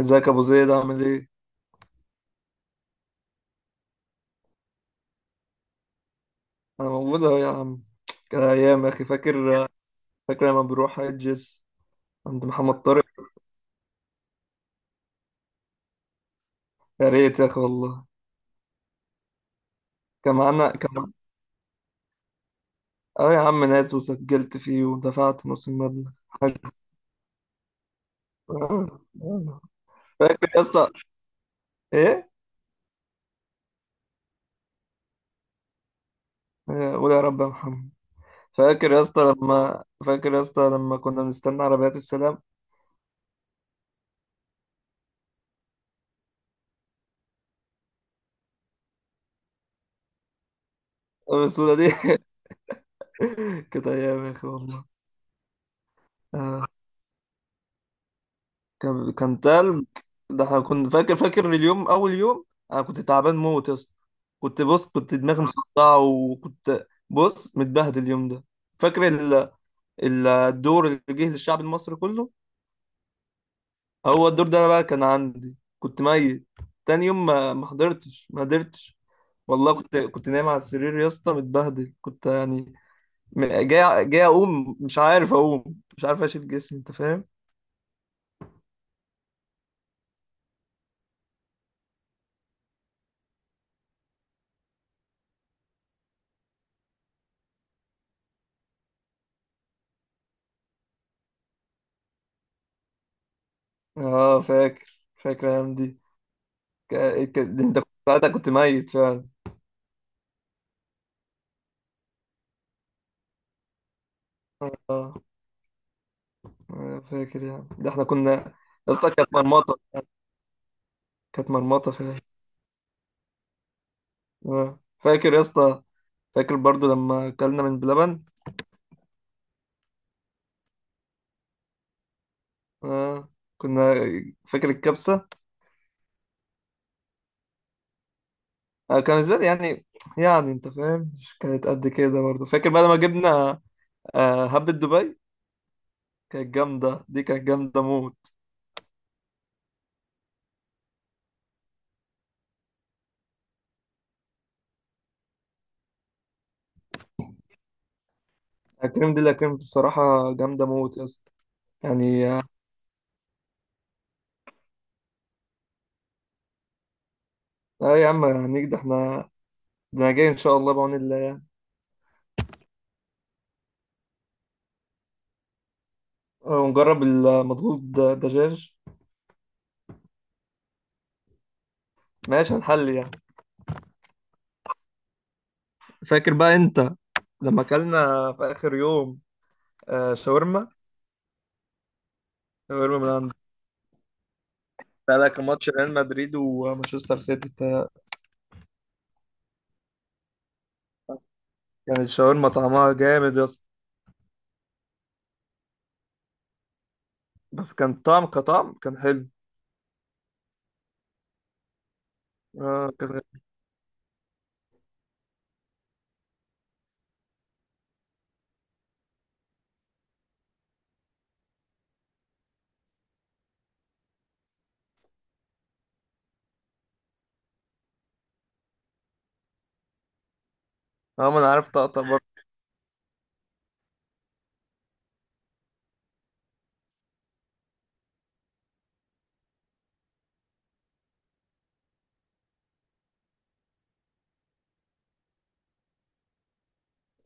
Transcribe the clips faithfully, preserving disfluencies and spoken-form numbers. ازيك يا ابو زيد عامل ايه؟ انا موجود اهو يا عم. كان ايام يا اخي فاكر. فاكر لما بنروح حجز عند محمد طارق. يا ريت يا اخي والله. كان معانا كان معانا- اه يا عم ناس وسجلت فيه ودفعت نص المبلغ حاج- آه، آه. فاكر يا اسطى. ايه؟ آه، قول يا رب يا محمد. فاكر يا اسطى لما فاكر يا اسطى لما كنا بنستنى عربيات السلام السودة دي. كانت ايام يا اخي والله. آه. كان كان تلج. ده احنا كنت فاكر فاكر اليوم اول يوم. انا كنت تعبان موت يا اسطى. كنت بص كنت دماغي مصدعه وكنت بص متبهدل اليوم ده. فاكر ال... ال- الدور اللي جه للشعب المصري كله. هو الدور ده بقى كان عندي كنت ميت. تاني يوم ما ما حضرتش ما قدرتش. والله كنت كنت نايم على السرير يا اسطى متبهدل كنت يعني. م- جاي جاي اقوم مش عارف اقوم. مش عارف اشيل جسمي انت فاهم. اه فاكر فاكر الايام دي. ك... ك... ده انت كنت ساعتها كنت ميت فعلا. اه. أنا فاكر يعني ده احنا كنا يا اسطى كانت مرمطة. كانت مرمطة فعلا. اه فاكر يا اسطى. فاكر برضو لما اكلنا من بلبن. اه كنا. فاكر الكبسة. آه، كان بالنسبة لي يعني. يعني انت فاهم مش كانت قد كده برضو فاكر بعد ما جبنا آه هبة دبي. كانت جامدة دي كانت جامدة موت. الكريم دي اللي كانت بصراحة جامدة موت يا اسطى. يعني اه. آه، يا عم هنيجي ده احنا. ده انا جاي ان شاء الله بعون الله. ونجرب المضغوط د- دجاج. ماشي هنحل يعني. فاكر بقى انت لما اكلنا في اخر يوم آه، شاورما. شاورما من عند. بقى لك ماتش ريال مدريد ومانشستر سيتي تا- كانت الشاورما طعمها جامد يا اسطى. بس كان طعم كطعم كان حلو. اه كان. اه ما انا عارف طقطق برضه.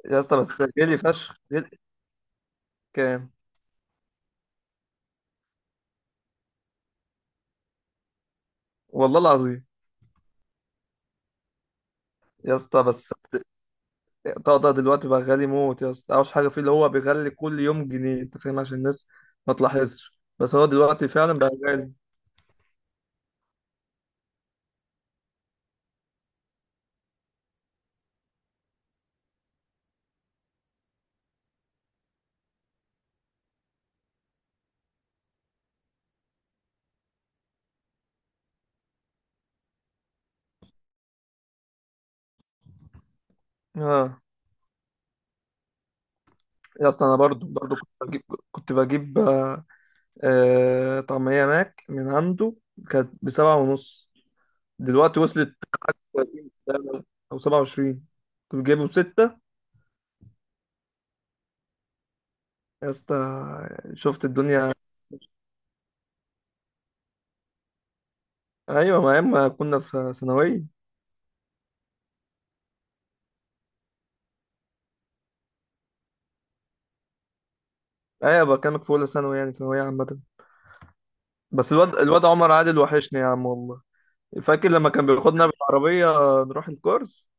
يا اسطى بس غالي فشخ غالي. كام؟ والله العظيم. يا اسطى بس طقطق دلوقتي بقى غالي موت يا اسطى اوحش حاجه فيه اللي هو بيغلي كل يوم جنيه انت فاهم عشان الناس ما تلاحظش بس هو دلوقتي فعلا بقى غالي. اه. يا اصل انا برضو برضو كنت بجيب. كنت بجيب آه آه، طعمية ماك من عنده. كانت بسبعة ونص. دلوقتي وصلت ثلاثين او سبعة وعشرين. كنت جايبه بستة يا اسطى. شفت الدنيا. ايوه ما اما كنا في ثانوية. ايوه بكلمك في اولى ثانوي يعني ثانوية عامة. بس الواد الواد عمر عادل وحشني يا عم والله. فاكر لما كان بياخدنا بالعربية نروح الكورس.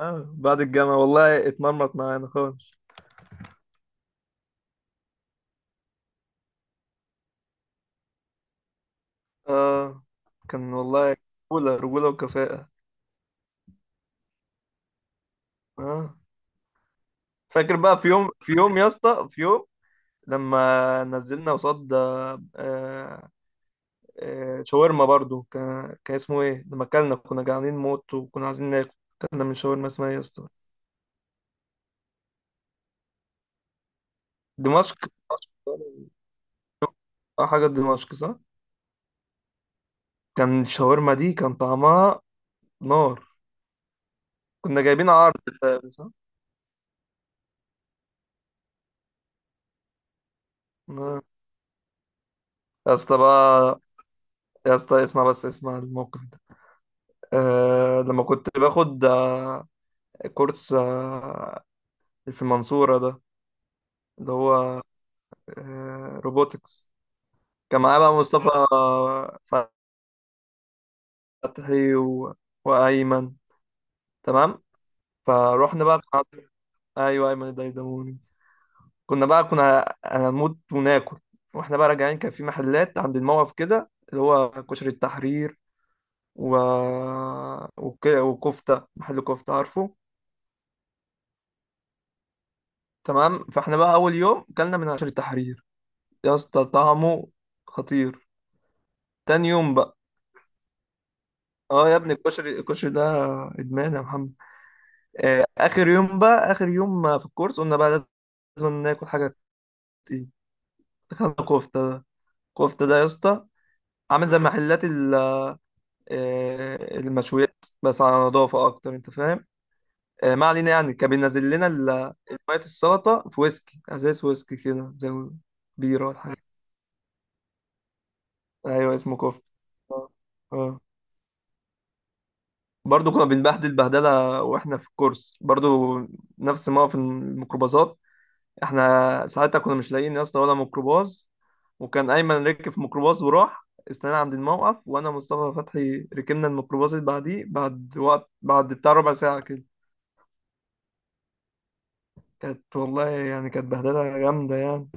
اه بعد الجامعة والله اتمرمط معانا خالص. اه كان والله. رجولة رجولة وكفاءة. اه فاكر بقى في يوم في يوم يا اسطى في يوم لما نزلنا قصاد. آه، آه، شاورما برضو كان كان اسمه ايه لما اكلنا كنا جعانين موت وكنا عايزين ناكل. اكلنا من شاورما اسمها ايه يا اسطى؟ دمشق. دمشق. اه حاجة دمشق صح. كان الشاورما دي كان طعمها نار. كنا جايبين عرض. فاهم صح. آه. يا اسطى بقى. يا اسطى اسمع بس اسمع الموقف ده. آه لما كنت باخد آه، كورس آه، في المنصورة ده. اللي هو آه، روبوتكس. كان معاه بقى مصطفى آه، فتحي و... وأيمن. تمام. فروحنا بقى قعدنا- أيوه أيمن الديدموني. كنا بقى كنا هنموت وناكل. واحنا بقى راجعين كان في محلات عند الموقف كده اللي هو كشري التحرير و... وك... وكفتة محل كفتة عارفه. تمام فاحنا بقى أول يوم كلنا من كشري التحرير. يا اسطى طعمه خطير. تاني يوم بقى. اه يا ابني الكشري الكشري ده ادمان يا محمد. آه، اخر يوم بقى اخر يوم في الكورس قلنا بقى لازم ناكل حاجه تقيله. دخلنا كفته. كفته ده يا اسطى عامل زي محلات ال- آه، المشويات بس على نظافه اكتر انت فاهم. آه، ما علينا يعني كان بينزل لنا ال- ميه السلطه في ويسكي ازاز ويسكي كده زي بيره ولا حاجه. ايوه اسمه كفته. اه. آه. برضه كنا بنبهدل بهدله واحنا في الكورس برضه. نفس موقف الميكروباصات. احنا ساعتها كنا مش لاقيين يا اسطى ولا ميكروباص. وكان ايمن ركب في ميكروباص وراح استنى عند الموقف وانا ومصطفى فتحي ركبنا الميكروباص اللي بعديه بعد وقت بعد بتاع ربع ساعه كده. كانت والله يعني كانت بهدله جامده يعني.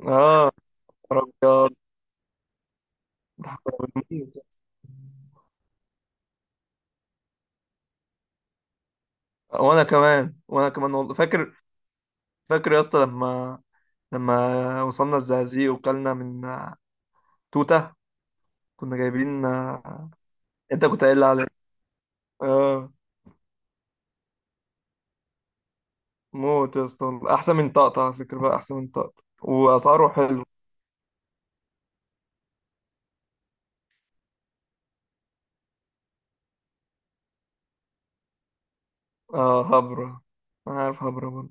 اه يا رب يا رب. وانا كمان وانا كمان والله فاكر. فاكر يا اسطى لما لما وصلنا الزقازيق وكلنا من توته. كنا جايبين آه، انت كنت قايل لي عليه. اه. موت يا اسطى احسن من طقطقة على فكرة بقى احسن من طقطقة واسعاره حلو. آه، هبرة. انا عارف هبرة برضه.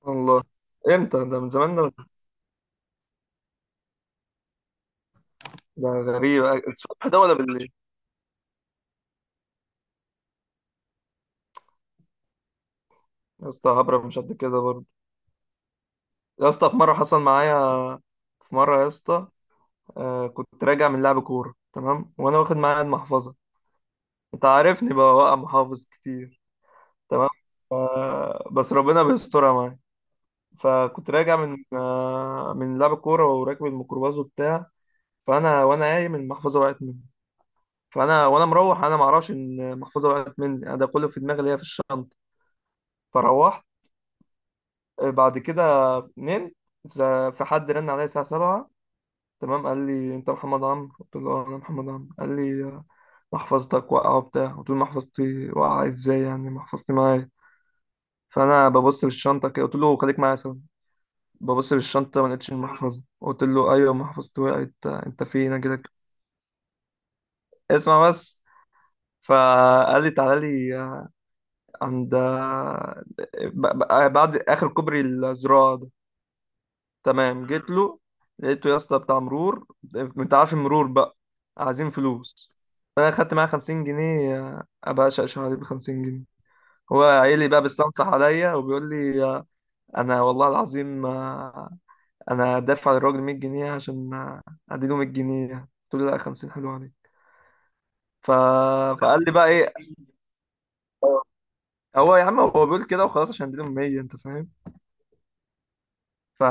سبحان الله. امتى ده؟ من زمان ده. ده غريب. الصبح ده ولا بالليل؟ يا اسطى هبرة مش قد كده برضه. يا اسطى في مرة حصل معايا. في مرة يا اسطى آه كنت راجع من لعب كورة تمام وانا واخد معايا المحفظة. انت عارفني بقى واقع محافظ كتير. تمام آه بس ربنا بيسترها معايا. فكنت راجع من آه من لعب كورة وراكب الميكروباص وبتاع. فانا وانا قايم المحفظه وقعت مني. فانا وانا مروح انا ما اعرفش ان المحفظه وقعت مني انا ده كله في دماغي اللي هي في الشنطه. فروحت آه، بعد كده نمت. ز- في حد رن عليا الساعه سبعة. تمام قال لي انت محمد عمرو قلت له أه، انا محمد عمرو. قال لي محفظتك واقعه وبتاع قلت له محفظتي واقعه ازاي يعني محفظتي معايا. فانا ببص في الشنطه كده قلت له خليك معايا سوا. ببص في الشنطه ما لقيتش المحفظه قلت له ايوه محفظتي وقعت انت فين اجي لك. اسمع بس. فقال لي تعالى لي عند ب- ب- آه، بعد اخر كوبري الزراعه ده. تمام جيت له. لقيته يا اسطى بتاع مرور. انت عارف المرور بقى عايزين فلوس. فانا خدت معاه خمسين جنيه آه، ابقى اشقشق عليه ب خمسين جنيه. هو قايل لي بقى بيستنصح عليا وبيقول لي آه، انا والله العظيم آه، انا دافع للراجل مية جنيه عشان آه، اديله مية جنيه. قلت له لا خمسين حلو عليه. ف... فقال لي بقى ايه. هو يا عم هو بيقول كده وخلاص عشان اديله مية انت فاهم. ف...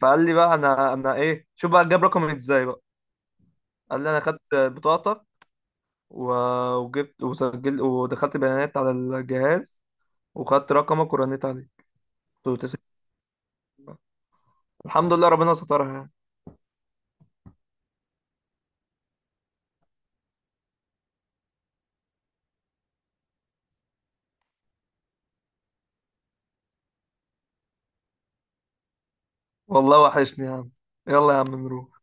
فقال لي بقى انا انا ايه شوف بقى جاب رقمي ازاي بقى. قال لي انا خدت بطاقتك و... وجبت وسجلت ودخلت بيانات على الجهاز وخدت رقمك ورنيت عليه. قلت له تسلم. الحمد لله ربنا سترها يعني. والله وحشني يا عم. يلا يا عم نروح.